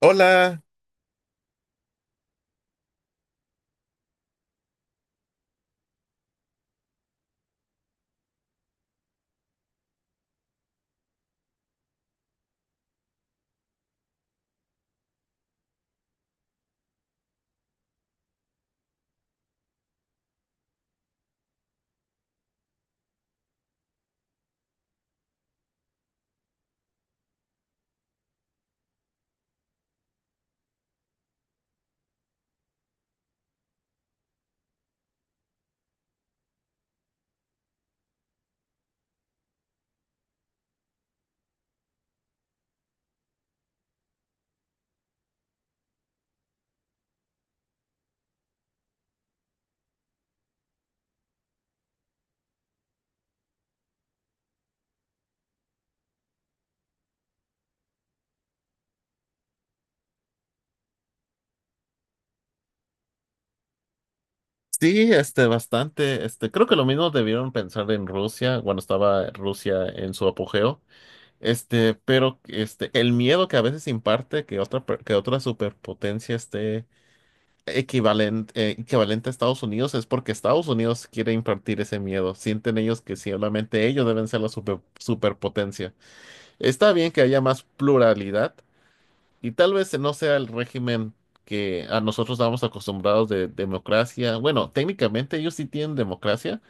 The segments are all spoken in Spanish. Hola, sí, bastante, creo que lo mismo debieron pensar en Rusia, cuando estaba Rusia en su apogeo, pero el miedo que a veces imparte que que otra superpotencia esté equivalente a Estados Unidos es porque Estados Unidos quiere impartir ese miedo. Sienten ellos que solamente ellos deben ser la superpotencia. Está bien que haya más pluralidad. Y tal vez no sea el régimen que a nosotros estamos acostumbrados de democracia. Bueno, técnicamente ellos sí tienen democracia,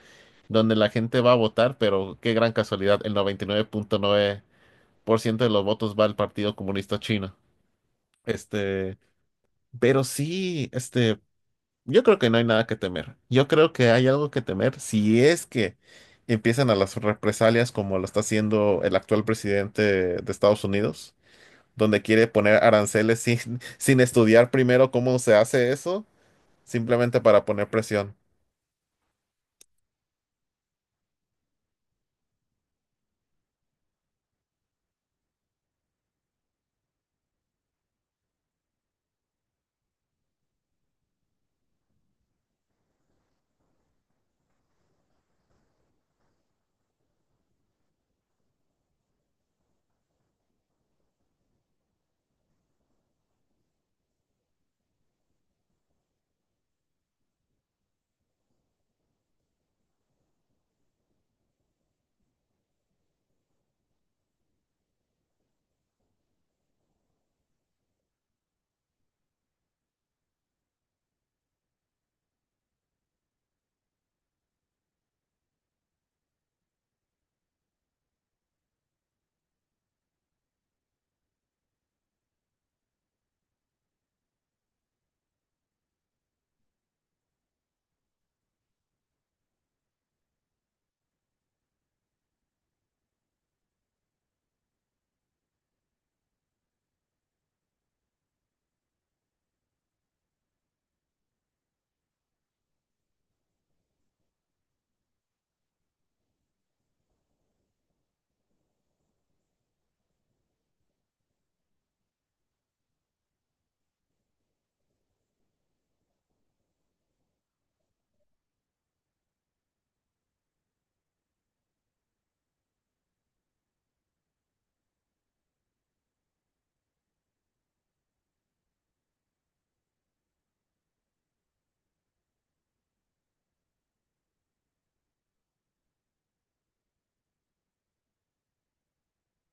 donde la gente va a votar, pero qué gran casualidad, el 99.9% de los votos va al Partido Comunista Chino. Este, pero sí, yo creo que no hay nada que temer. Yo creo que hay algo que temer si es que empiezan a las represalias como lo está haciendo el actual presidente de Estados Unidos, donde quiere poner aranceles sin estudiar primero cómo se hace eso, simplemente para poner presión.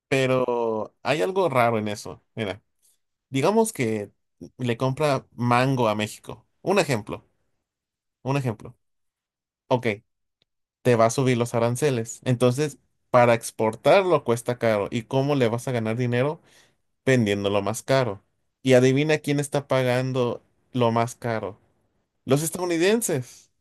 Pero hay algo raro en eso. Mira, digamos que le compra mango a México. Un ejemplo. Ok, te va a subir los aranceles. Entonces, para exportarlo cuesta caro. ¿Y cómo le vas a ganar dinero? Vendiéndolo más caro. Y adivina quién está pagando lo más caro. Los estadounidenses.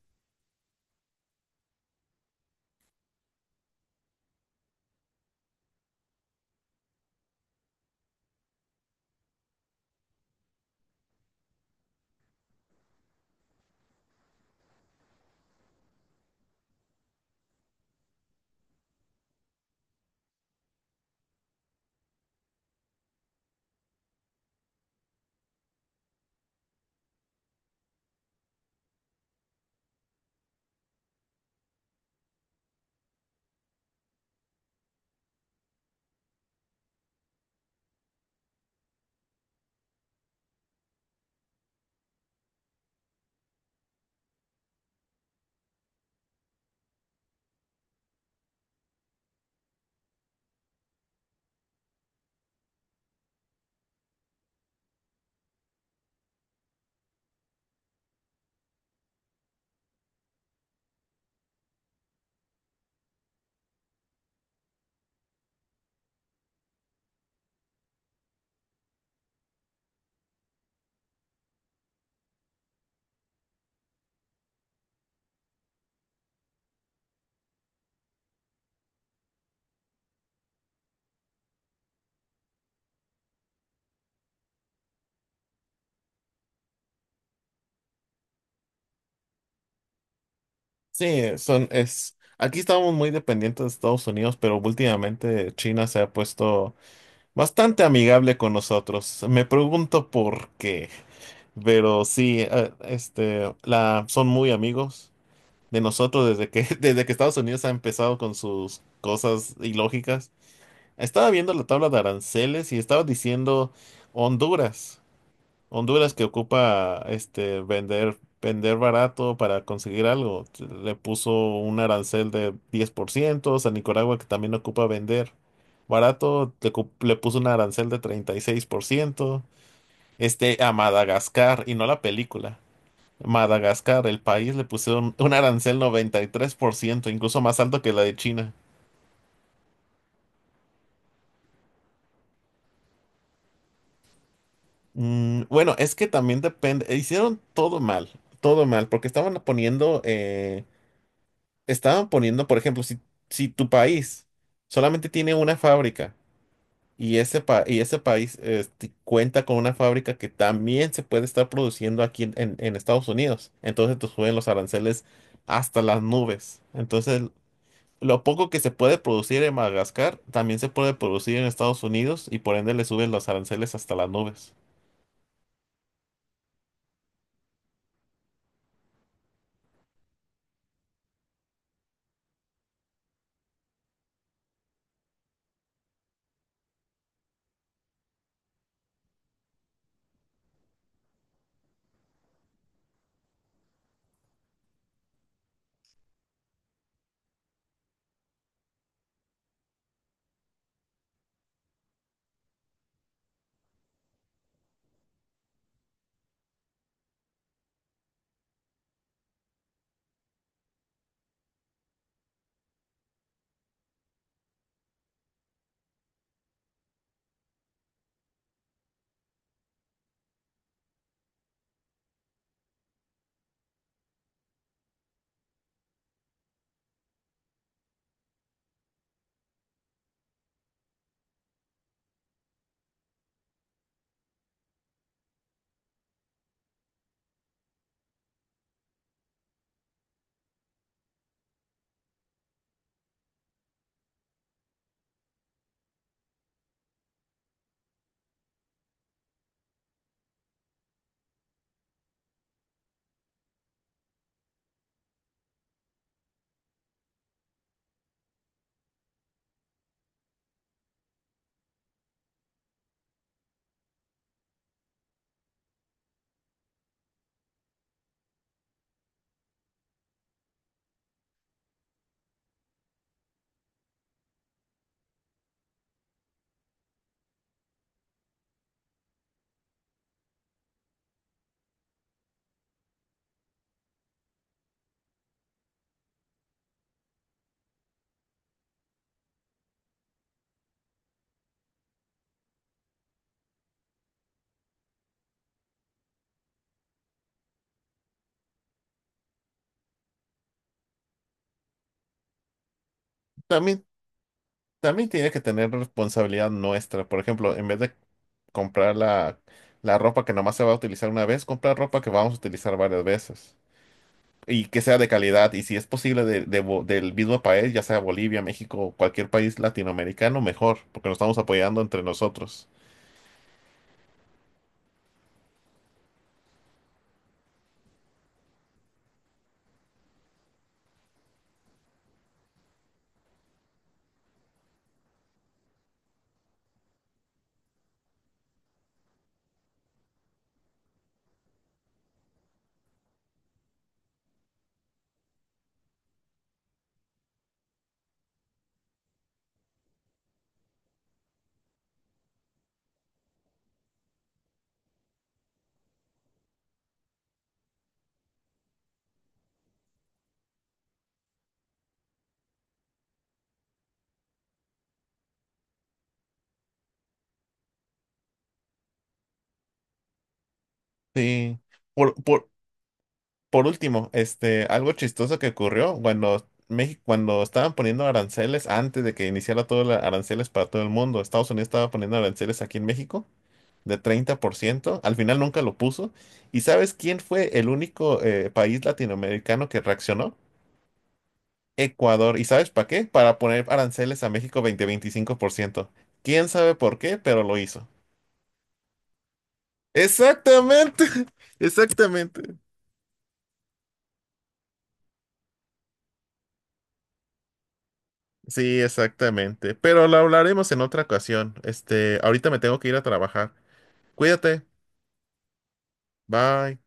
Sí, aquí estábamos muy dependientes de Estados Unidos, pero últimamente China se ha puesto bastante amigable con nosotros. Me pregunto por qué, pero sí, son muy amigos de nosotros desde que, desde que Estados Unidos ha empezado con sus cosas ilógicas. Estaba viendo la tabla de aranceles y estaba diciendo Honduras. Honduras, que ocupa este vender barato para conseguir algo. Le puso un arancel de 10% a Nicaragua, que también ocupa vender barato, le puso un arancel de 36% a Madagascar, y no la película. Madagascar, el país, le pusieron un arancel 93%, incluso más alto que la de China. Bueno, es que también depende, hicieron todo mal, porque estaban poniendo, por ejemplo, si tu país solamente tiene una fábrica y y ese país cuenta con una fábrica que también se puede estar produciendo aquí en Estados Unidos, entonces te suben los aranceles hasta las nubes. Entonces, lo poco que se puede producir en Madagascar también se puede producir en Estados Unidos y por ende le suben los aranceles hasta las nubes. También tiene que tener responsabilidad nuestra. Por ejemplo, en vez de comprar la ropa que nomás se va a utilizar una vez, comprar ropa que vamos a utilizar varias veces. Y que sea de calidad. Y si es posible del mismo país, ya sea Bolivia, México, cualquier país latinoamericano, mejor, porque nos estamos apoyando entre nosotros. Sí. Por, por, por último, algo chistoso que ocurrió cuando México, cuando estaban poniendo aranceles, antes de que iniciara todo los aranceles para todo el mundo, Estados Unidos estaba poniendo aranceles aquí en México de 30%. Al final nunca lo puso. ¿Y sabes quién fue el único país latinoamericano que reaccionó? Ecuador. ¿Y sabes para qué? Para poner aranceles a México veinte 25%. ¿Quién sabe por qué? Pero lo hizo. Exactamente. Exactamente. Sí, exactamente. Pero lo hablaremos en otra ocasión. Este, ahorita me tengo que ir a trabajar. Cuídate. Bye.